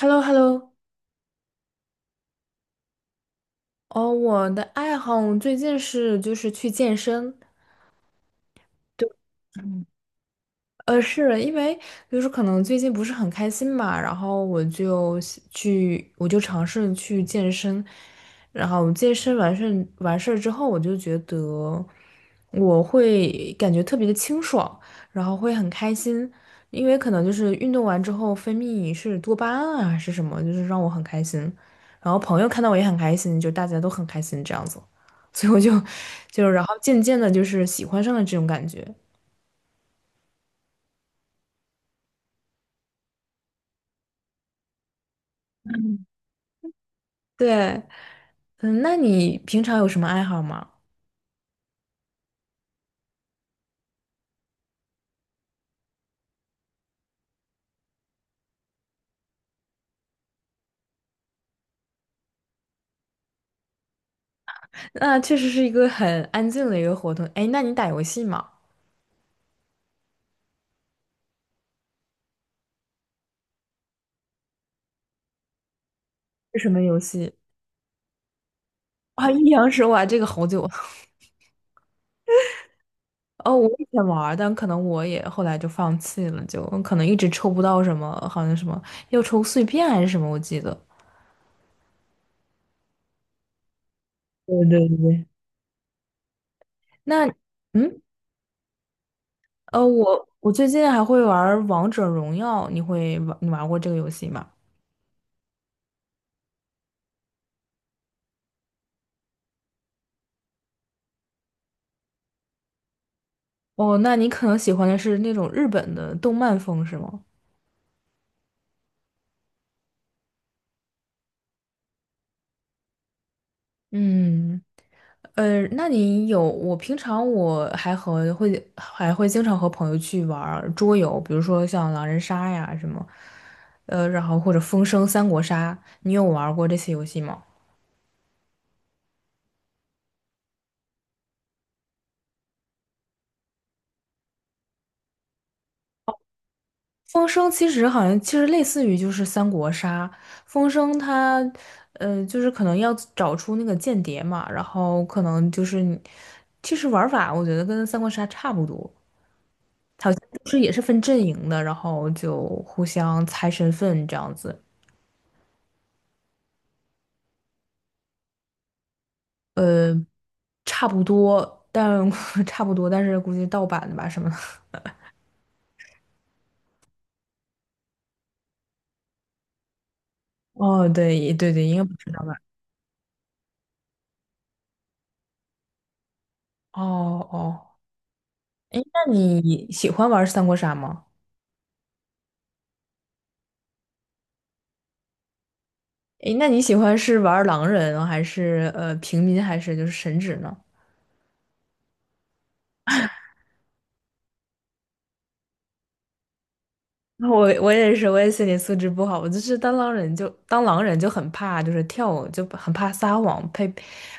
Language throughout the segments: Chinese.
h e l l o h e l l o 哦，我的爱好最近是就是去健身，是因为就是可能最近不是很开心吧，然后我就想去，我就尝试去健身，然后健身完事儿之后，我就觉得我会感觉特别的清爽，然后会很开心，因为可能就是运动完之后分泌是多巴胺啊，还是什么，就是让我很开心，然后朋友看到我也很开心，就大家都很开心这样子，所以我就 就然后渐渐的就是喜欢上了这种感觉。对，嗯，那你平常有什么爱好吗？那确实是一个很安静的一个活动。哎，那你打游戏吗？是什么游戏？啊，阴阳师，玩这个好久 哦，我以前玩儿但可能我也后来就放弃了，就可能一直抽不到什么，好像什么要抽碎片还是什么，我记得。对对对。那，嗯，我最近还会玩儿王者荣耀，你玩过这个游戏吗？哦，那你可能喜欢的是那种日本的动漫风，是吗？嗯。那你有，我平常我还会经常和朋友去玩儿桌游，比如说像狼人杀呀什么，然后或者风声、三国杀，你有玩儿过这些游戏吗？风声其实好像其实类似于就是三国杀，风声它，就是可能要找出那个间谍嘛，然后可能就是你其实玩法我觉得跟三国杀差不多，就是也是分阵营的，然后就互相猜身份这样子。呃。差不多，但 差不多，但是估计盗版的吧什么的。哦，对对对，应该不是盗版。哦哦，哎，那你喜欢玩三国杀吗？哎，那你喜欢是玩狼人还是呃平民还是就是神职呢？我也是，我也心理素质不好，我就是当狼人就当狼人就很怕，就是跳舞就很怕撒谎，怕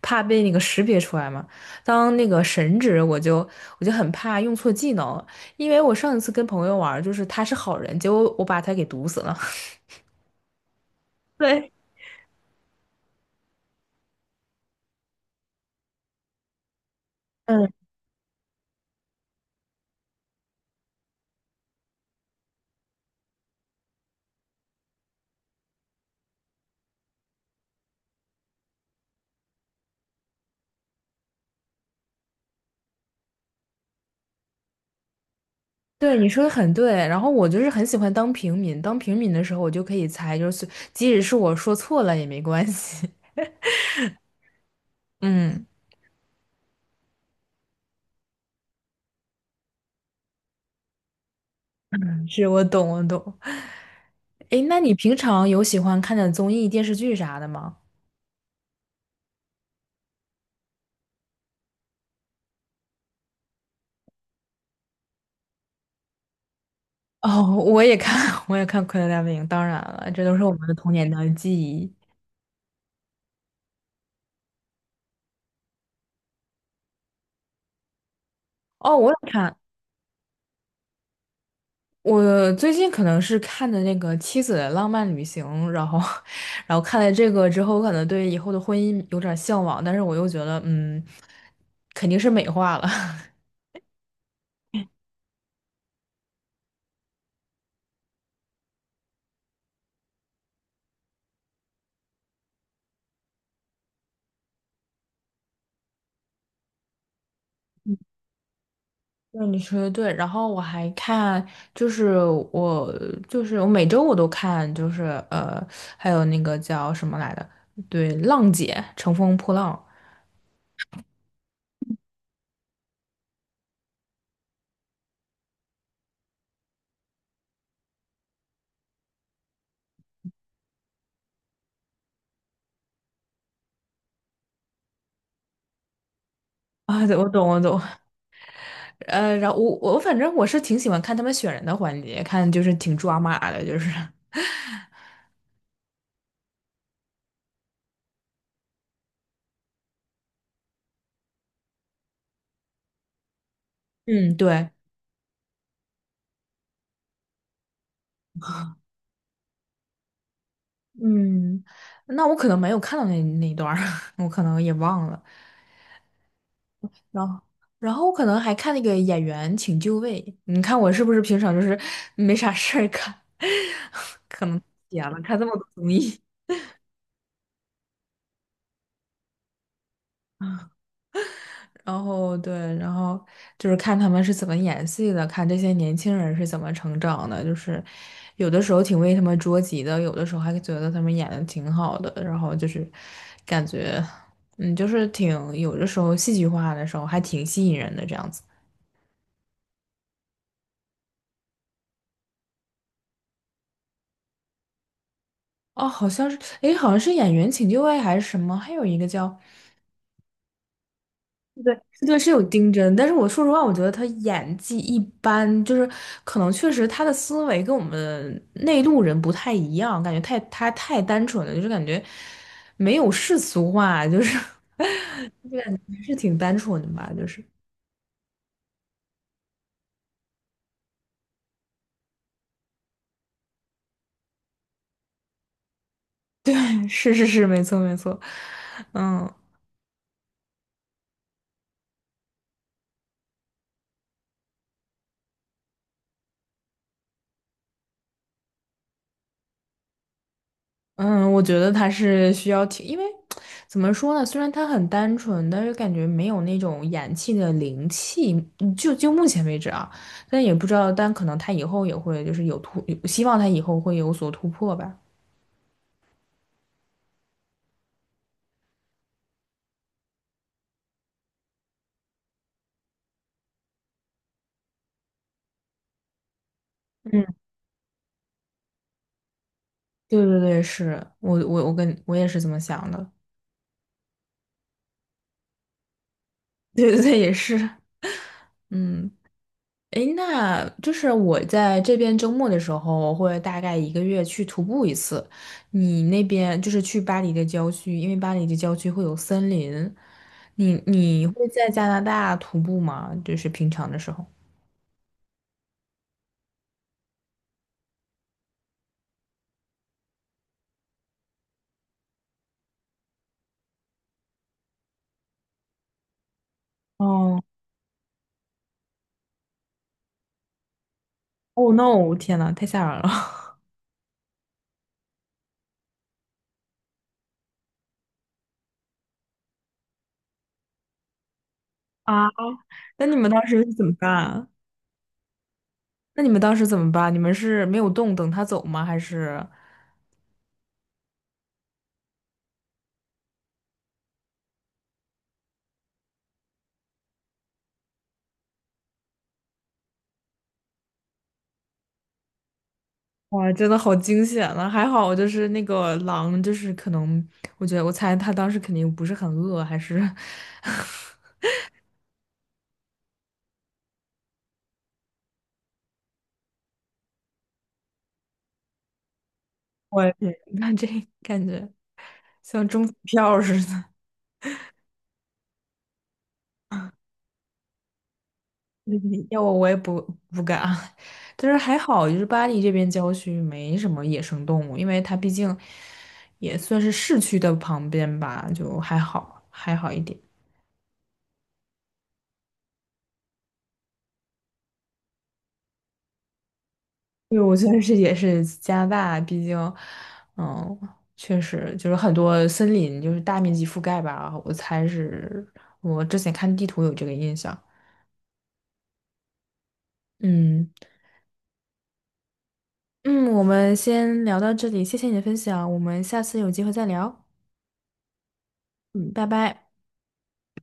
怕被那个识别出来嘛。当那个神职，我就很怕用错技能，因为我上一次跟朋友玩儿就是他是好人，结果我把他给毒死了。对，嗯，对，你说的很对。然后我就是很喜欢当平民，当平民的时候我就可以猜，就是即使是我说错了也没关系。嗯，是我懂，我懂。诶，那你平常有喜欢看的综艺、电视剧啥的吗？哦，我也看，我也看《快乐大本营》，当然了，这都是我们的童年的记忆。哦，我也看，我最近可能是看的那个《妻子的浪漫旅行》，然后，然后看了这个之后，我可能对以后的婚姻有点向往，但是我又觉得，嗯，肯定是美化了。对，你说的对。然后我还看，就是我我每周我都看，就是呃，还有那个叫什么来的，对，浪姐乘风破浪啊，对我懂我懂。然后我反正我是挺喜欢看他们选人的环节，看就是挺抓马的，就是 嗯对嗯，那我可能没有看到那一段儿 我可能也忘了。然后，然后我可能还看那个演员请就位。你看我是不是平常就是没啥事儿干，可能闲了看这么多综艺。然后对，然后就是看他们是怎么演戏的，看这些年轻人是怎么成长的，就是有的时候挺为他们着急的，有的时候还觉得他们演的挺好的，然后就是感觉，嗯，就是挺有的时候戏剧化的时候还挺吸引人的这样子。哦，好像是，诶，好像是演员请就位还是什么，还有一个叫对，对，是有丁真，但是我说实话，我觉得他演技一般，就是可能确实他的思维跟我们内陆人不太一样，感觉太他太单纯了，就是感觉没有世俗化，就是 就感觉还是挺单纯的吧，就是 是是是，没错没错，嗯，嗯，我觉得他是需要挺，因为怎么说呢？虽然他很单纯，但是感觉没有那种演气的灵气。嗯就目前为止啊，但也不知道，但可能他以后也会就是有突，希望他以后会有所突破吧。嗯，对对对，是我跟我也是这么想的。对对对，也是。嗯。诶，那就是我在这边周末的时候，我会大概一个月去徒步一次。你那边就是去巴黎的郊区，因为巴黎的郊区会有森林。你会在加拿大徒步吗？就是平常的时候。哦哦，no！天呐，太吓人了 啊，那你们当时是怎么办啊那你们当时怎么办？你们是没有动，等他走吗？还是？哇，真的好惊险啊！还好就是那个狼，就是可能，我觉得我猜他当时肯定不是很饿，还是 我天，那这感觉像中彩票似的。嗯要我也不敢，但是还好，就是巴黎这边郊区没什么野生动物，因为它毕竟也算是市区的旁边吧，就还好，还好一点。对，我觉得是也是加拿大，毕竟，嗯，确实就是很多森林就是大面积覆盖吧，我猜是我之前看地图有这个印象。嗯嗯，我们先聊到这里，谢谢你的分享，我们下次有机会再聊。嗯，拜拜。